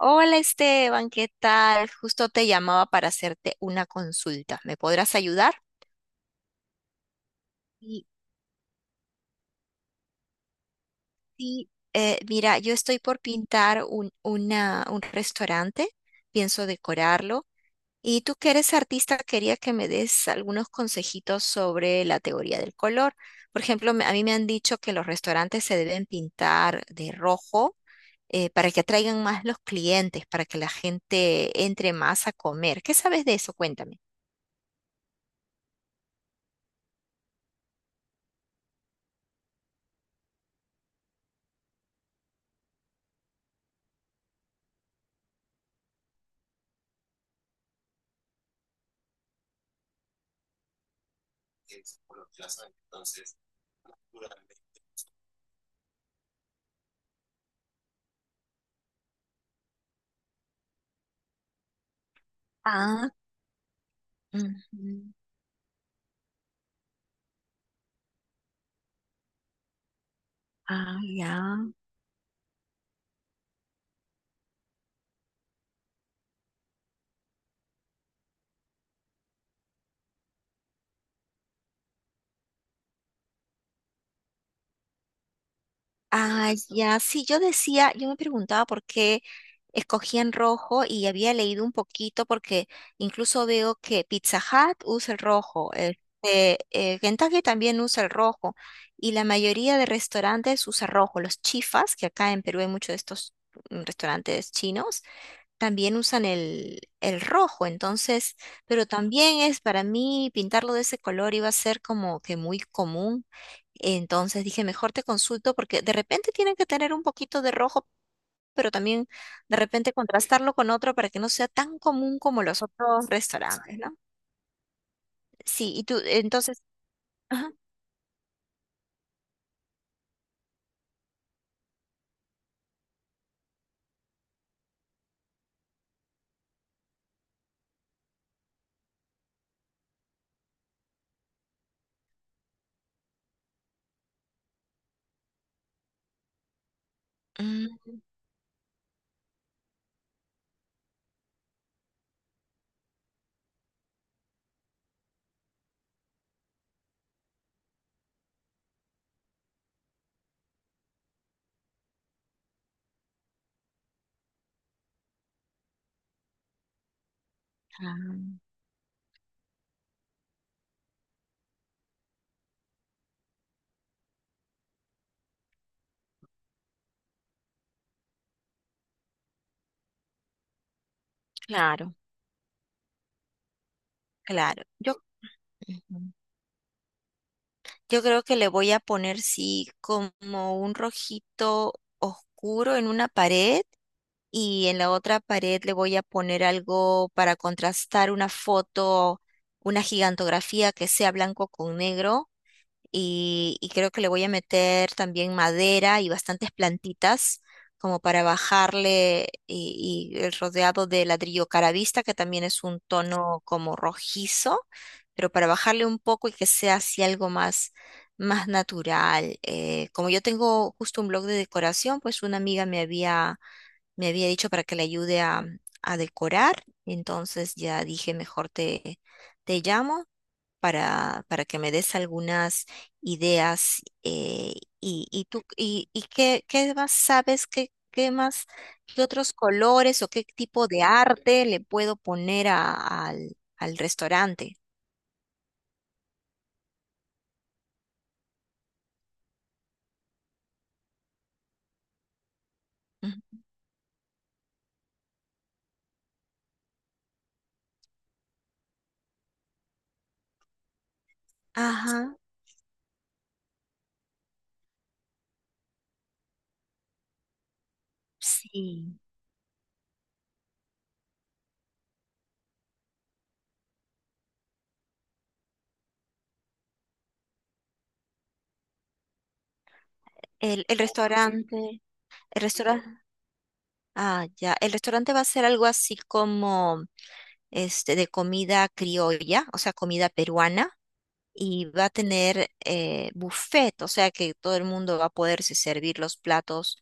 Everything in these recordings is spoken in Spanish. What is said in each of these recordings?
Hola Esteban, ¿qué tal? Justo te llamaba para hacerte una consulta. ¿Me podrás ayudar? Sí, sí. Mira, yo estoy por pintar un restaurante, pienso decorarlo. Y tú que eres artista, quería que me des algunos consejitos sobre la teoría del color. Por ejemplo, a mí me han dicho que los restaurantes se deben pintar de rojo, para que atraigan más los clientes, para que la gente entre más a comer. ¿Qué sabes de eso? Cuéntame. Ujú. Ah, ya. Ah, ya. Sí, yo decía, yo me preguntaba por qué escogían rojo y había leído un poquito porque incluso veo que Pizza Hut usa el rojo, este, Kentucky también usa el rojo y la mayoría de restaurantes usa rojo. Los chifas, que acá en Perú hay muchos de estos, restaurantes chinos, también usan el rojo, entonces, pero también, es para mí pintarlo de ese color iba a ser como que muy común. Entonces dije, mejor te consulto porque de repente tienen que tener un poquito de rojo, pero también de repente contrastarlo con otro para que no sea tan común como los otros restaurantes, ¿no? Sí, y tú, entonces, ajá. Mm, ah, claro, claro. Yo, ujú, yo creo que le voy a poner, sí, como un rojito oscuro en una pared y en la otra pared le voy a poner algo para contrastar: una foto, una gigantografía que sea blanco con negro, y creo que le voy a meter también madera y bastantes plantitas como para bajarle, y el rodeado de ladrillo caravista, que también es un tono como rojizo, pero para bajarle un poco y que sea así algo más, más natural. Como yo tengo justo un blog de decoración, pues una amiga me había dicho para que le ayude a decorar, entonces ya dije, mejor te, te llamo para que me des algunas ideas, y tú y qué, qué más sabes, qué, qué más, qué otros colores o qué tipo de arte le puedo poner al, al restaurante. Ujú. Ajá, sí. El, el restaurante, el restaurante. Ah, ya. El restaurante va a ser algo así como este de comida criolla, o sea, comida peruana, y va a tener, buffet, o sea que todo el mundo va a poderse servir los platos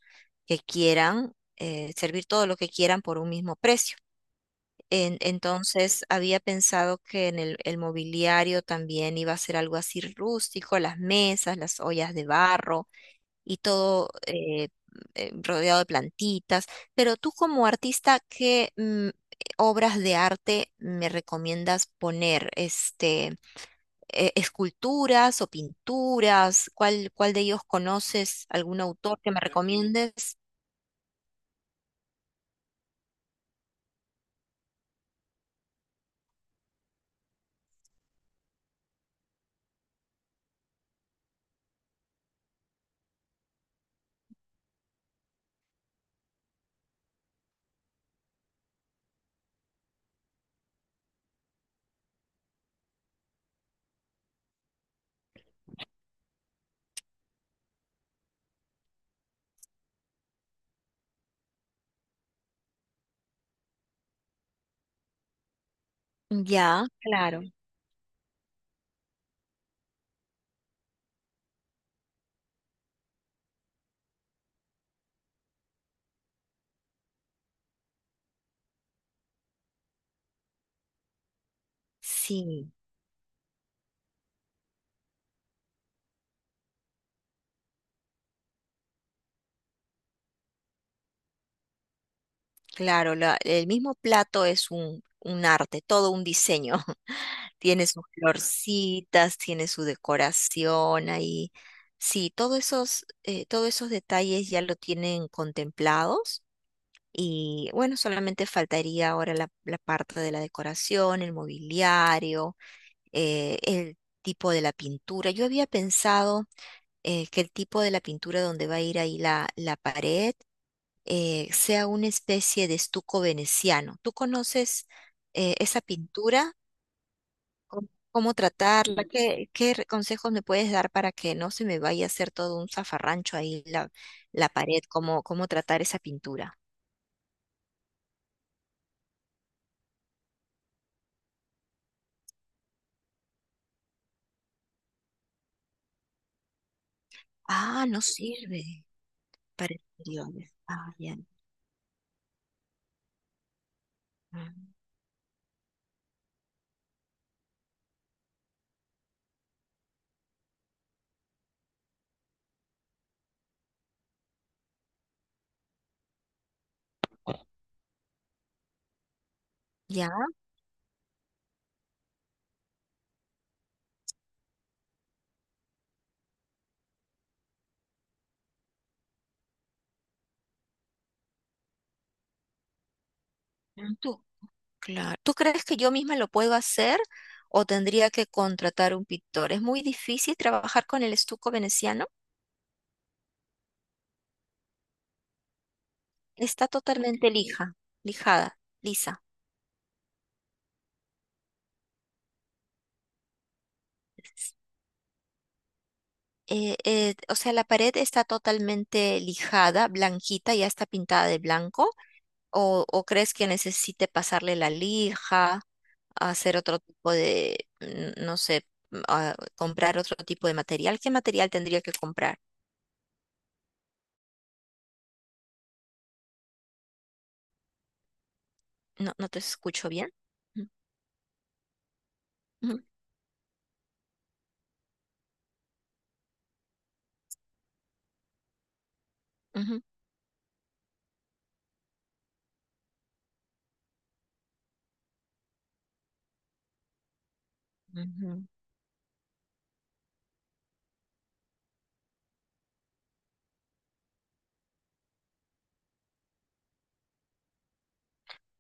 que quieran, servir todo lo que quieran por un mismo precio. Entonces había pensado que en el mobiliario también iba a ser algo así rústico, las mesas, las ollas de barro y todo, rodeado de plantitas. Pero tú como artista, ¿qué, obras de arte me recomiendas poner? Este, ¿esculturas o pinturas, cuál, cuál de ellos conoces? ¿Algún autor que me recomiendes? Ya, claro. Sí. Claro, el mismo plato es un arte, todo un diseño. Tiene sus florcitas, tiene su decoración ahí. Sí, todos esos detalles ya lo tienen contemplados. Y bueno, solamente faltaría ahora la, la parte de la decoración, el mobiliario, el tipo de la pintura. Yo había pensado, que el tipo de la pintura donde va a ir ahí la, la pared, sea una especie de estuco veneciano. ¿Tú conoces, esa pintura? ¿Cómo, cómo tratarla? ¿Qué, consejos me puedes dar para que no se me vaya a hacer todo un zafarrancho ahí la, la pared? ¿Cómo, cómo tratar esa pintura? Ah, no sirve para exteriores. Ah, ya. Ah, ya, tú, claro. ¿Tú crees que yo misma lo puedo hacer o tendría que contratar un pintor? ¿Es muy difícil trabajar con el estuco veneciano? Está totalmente lija, lijada, lisa. O sea, la pared está totalmente lijada, blanquita, ya está pintada de blanco. O crees que necesite pasarle la lija, hacer otro tipo de, no sé, comprar otro tipo de material? ¿Qué material tendría que comprar? No, no te escucho bien. Ujú, ujú, ujú.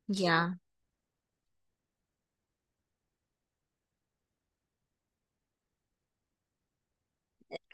Ya.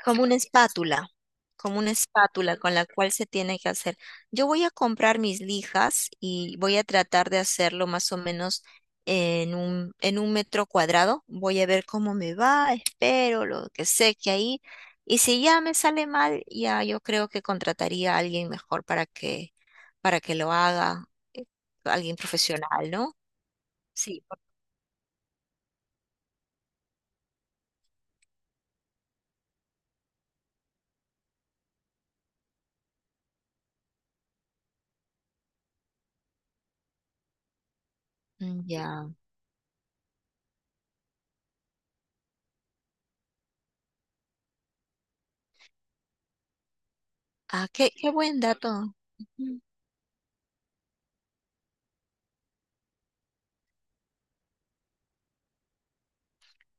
Como una espátula, como una espátula con la cual se tiene que hacer. Yo voy a comprar mis lijas y voy a tratar de hacerlo más o menos en un metro cuadrado. Voy a ver cómo me va, espero lo que sé que ahí. Y si ya me sale mal, ya yo creo que contrataría a alguien mejor para que lo haga, eh, alguien profesional, ¿no? Sí, por-. Ya. Ah, qué, qué buen dato.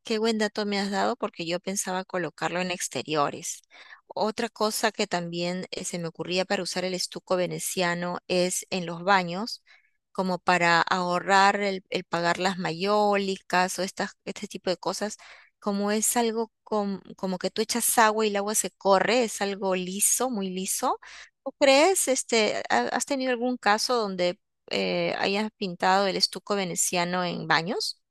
Qué buen dato me has dado porque yo pensaba colocarlo en exteriores. Otra cosa que también, se me ocurría para usar el estuco veneciano es en los baños, como para ahorrar el pagar las mayólicas o estas, este tipo de cosas. Como es algo, como que tú echas agua y el agua se corre, es algo liso, muy liso. ¿Tú crees, este, has tenido algún caso donde, hayas pintado el estuco veneciano en baños?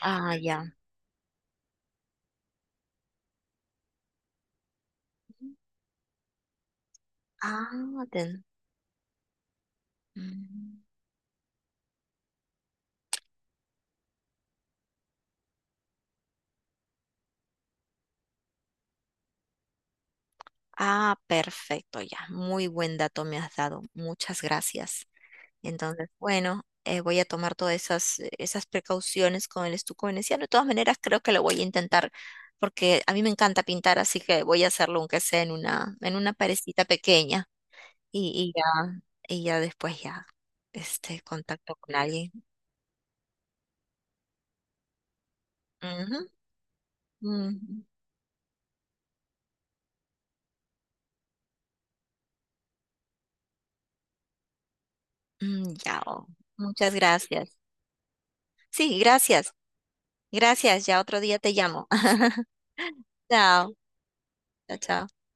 Ah, ya. Ah, ten-. Mm. Ah, perfecto, ya. Muy buen dato me has dado. Muchas gracias. Entonces, bueno, voy a tomar todas esas, esas precauciones con el estuco veneciano. De todas maneras, creo que lo voy a intentar porque a mí me encanta pintar, así que voy a hacerlo aunque sea en una parecita pequeña y, y ya, y ya después ya, este, contacto con alguien. Ujú, ujú. Mm, ya, oh, muchas gracias. Sí, gracias. Gracias. Ya otro día te llamo. Chao, chao, chao.